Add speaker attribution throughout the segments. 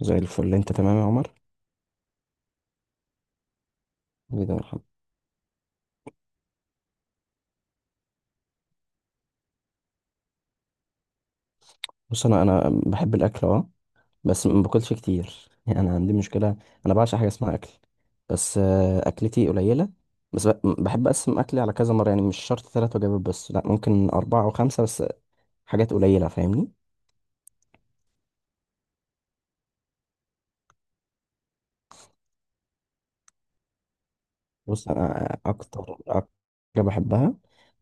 Speaker 1: زي الفل، انت تمام يا عمر؟ ايه ده الحمد. بص، انا بحب الاكل، اه. بس ما باكلش كتير يعني انا عندي مشكله. انا بعشق حاجه اسمها اكل. بس اكلتي قليله. بس ب- بحب اقسم اكلي على كذا مره، يعني مش شرط ثلاث وجبات، بس لا ممكن اربعه او خمسه بس. حاجات قليله، فاهمني؟ بص، انا اكتر حاجه بحبها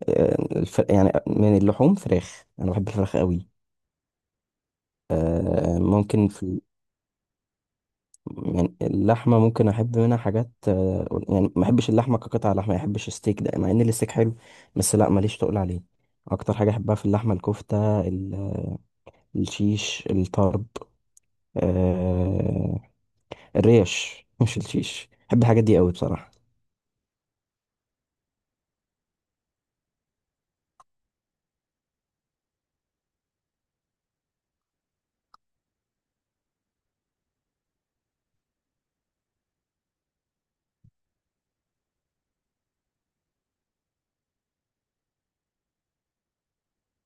Speaker 1: يعني من اللحوم فراخ. انا بحب الفراخ قوي. آه، ممكن في يعني اللحمة ممكن أحب منها حاجات، يعني ما أحبش اللحمة كقطعة لحمة، ما أحبش الستيك ده، مع إن الستيك حلو، بس لأ ماليش تقول عليه. أكتر حاجة أحبها في اللحمة الكفتة، الشيش الطرب، آه، الريش مش الشيش، بحب الحاجات دي قوي بصراحة.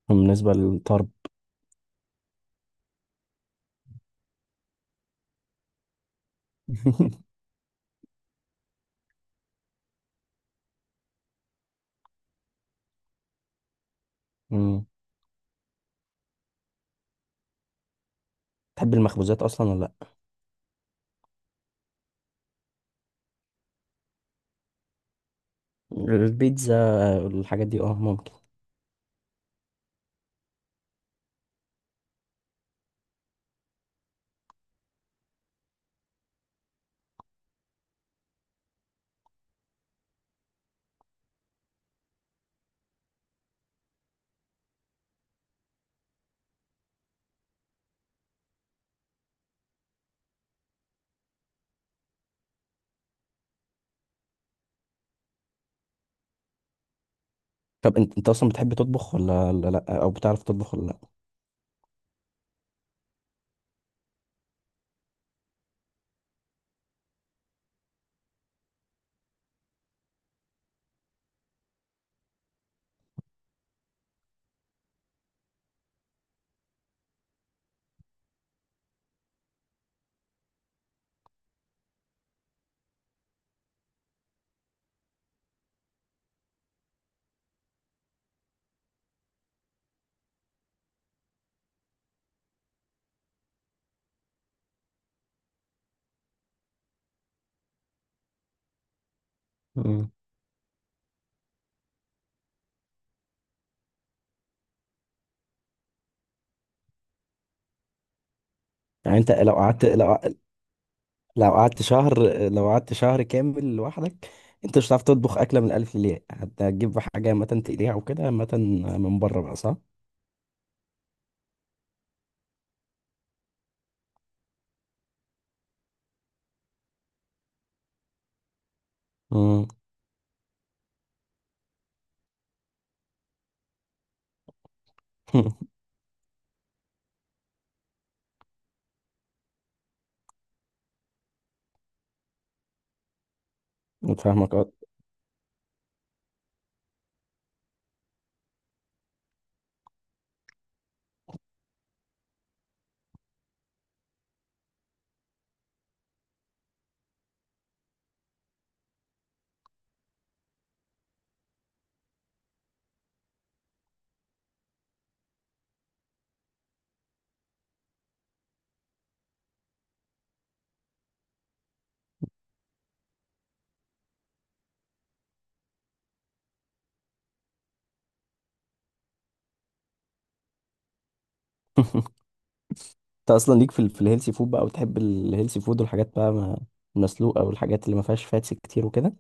Speaker 1: بالنسبة للطرب. مم. تحب المخبوزات أصلا ولا لأ؟ البيتزا، آه، الحاجات دي أه ممكن. طب أنت، أنت أصلا بتحب تطبخ ولا لأ، أو بتعرف تطبخ ولا لأ؟ مم. يعني أنت لو قعدت لو لو قعدت شهر، لو قعدت شهر كامل لوحدك، انت مش هتعرف تطبخ اكله من الالف للياء؟ هتجيب حاجه عامه تقليها وكده، عامه من بره بقى، صح؟ امم. فاهمك، اه. انت اصلا ليك في الهيلثي فود بقى، وتحب الهيلثي فود والحاجات بقى المسلوقه، والحاجات اللي ما فيهاش فاتس كتير وكده.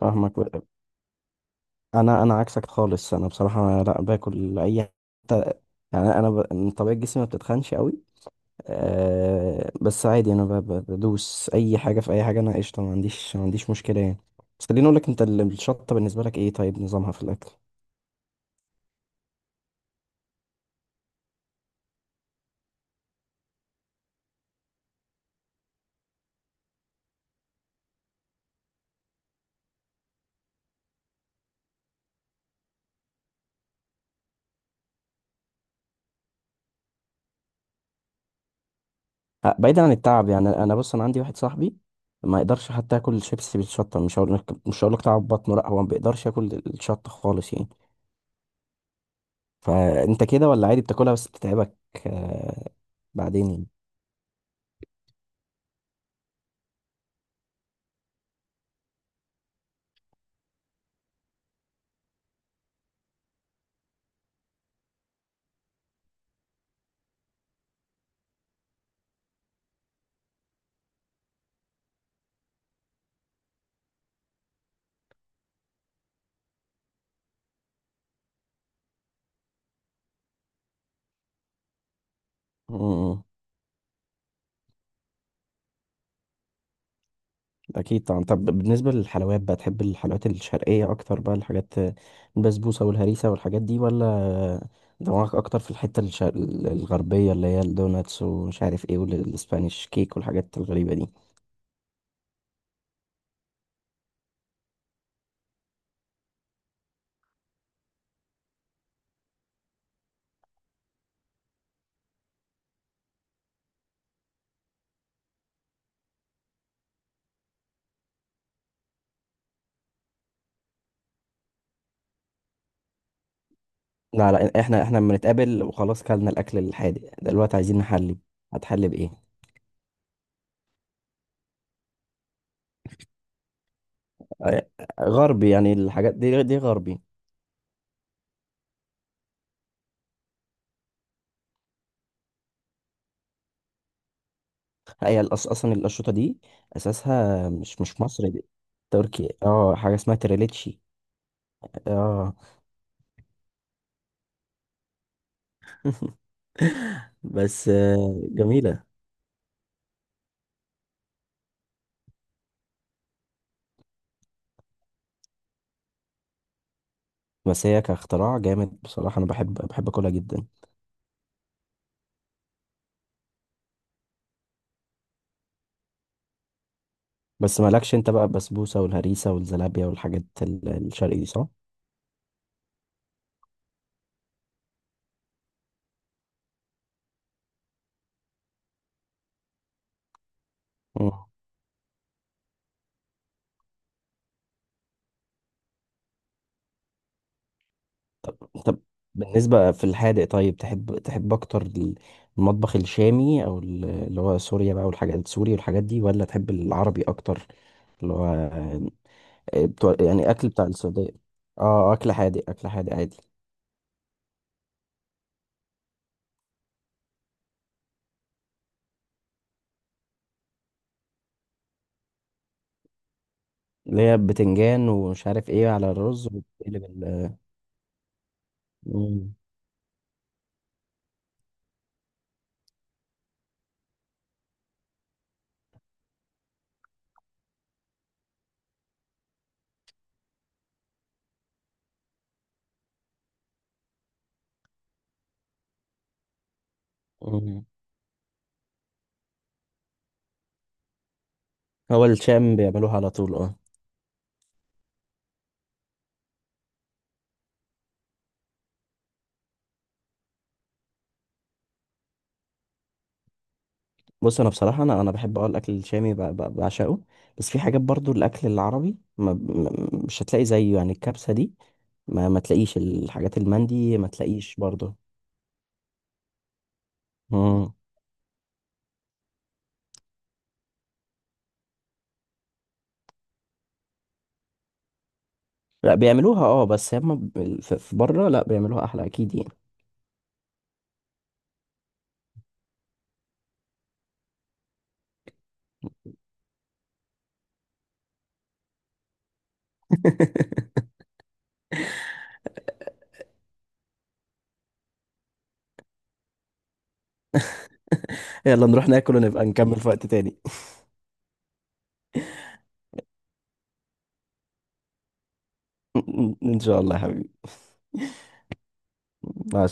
Speaker 1: فاهمك بقى. انا عكسك خالص. انا بصراحه لا باكل اي يعني انا من طبيعه جسمي ما بتتخنش قوي. أه، بس عادي انا بدوس اي حاجه في اي حاجه. انا قشطه، ما عنديش مشكله يعني. بس خليني اقول لك، انت الشطه بالنسبه لك ايه؟ طيب، نظامها في الاكل. أه، بعيدا عن التعب، يعني انا، بص، انا عندي واحد صاحبي ما يقدرش حتى ياكل شيبسي بالشطه. مش هقول لك، تعب بطنه، لا، هو ما بيقدرش ياكل الشطه خالص يعني. فانت كده ولا عادي بتاكلها بس بتتعبك؟ أه، بعدين يعني. م- م. اكيد طبعا. طب بالنسبه للحلويات بقى، تحب الحلويات الشرقيه اكتر بقى، الحاجات، البسبوسه والهريسه والحاجات دي، ولا دماغك اكتر في الحته الغربيه اللي هي الدوناتس ومش عارف ايه والاسبانيش كيك والحاجات الغريبه دي؟ لا لا، احنا لما نتقابل وخلاص كلنا الاكل الحادق دلوقتي، عايزين نحلي. هتحلي بايه؟ آه، غربي يعني؟ الحاجات دي دي غربي. هي اصلا الاشرطه دي اساسها مش، مصري، دي تركي. اه، حاجه اسمها تريليتشي. اه. بس آه، جميلة. بس هي كاختراع جامد، بصراحة أنا بحب، أكلها جدا. بس مالكش أنت بقى البسبوسة والهريسة والزلابية والحاجات الشرقي دي، صح؟ مم. طب بالنسبة في الحادق، طيب تحب، أكتر المطبخ الشامي أو اللي هو سوريا بقى والحاجات سوري والحاجات دي، ولا تحب العربي أكتر اللي هو آه، بتوع يعني أكل بتاع السعودية؟ اه، أكل حادق، عادي. اللي هي بتنجان ومش عارف ايه على الرز وبتقلب مم. مم. هو الشام بيعملوها على طول، اه. بص، انا بصراحه، انا بحب، اه، الاكل الشامي بعشقه. بس في حاجات برضو الاكل العربي، مش هتلاقي زيه، يعني الكبسه دي ما تلاقيش، الحاجات المندي ما تلاقيش برضو. مم. لا بيعملوها، اه، بس هم في بره لا بيعملوها احلى اكيد يعني. يلا نروح ناكل ونبقى نكمل في وقت تاني. ان شاء الله يا حبيبي. مع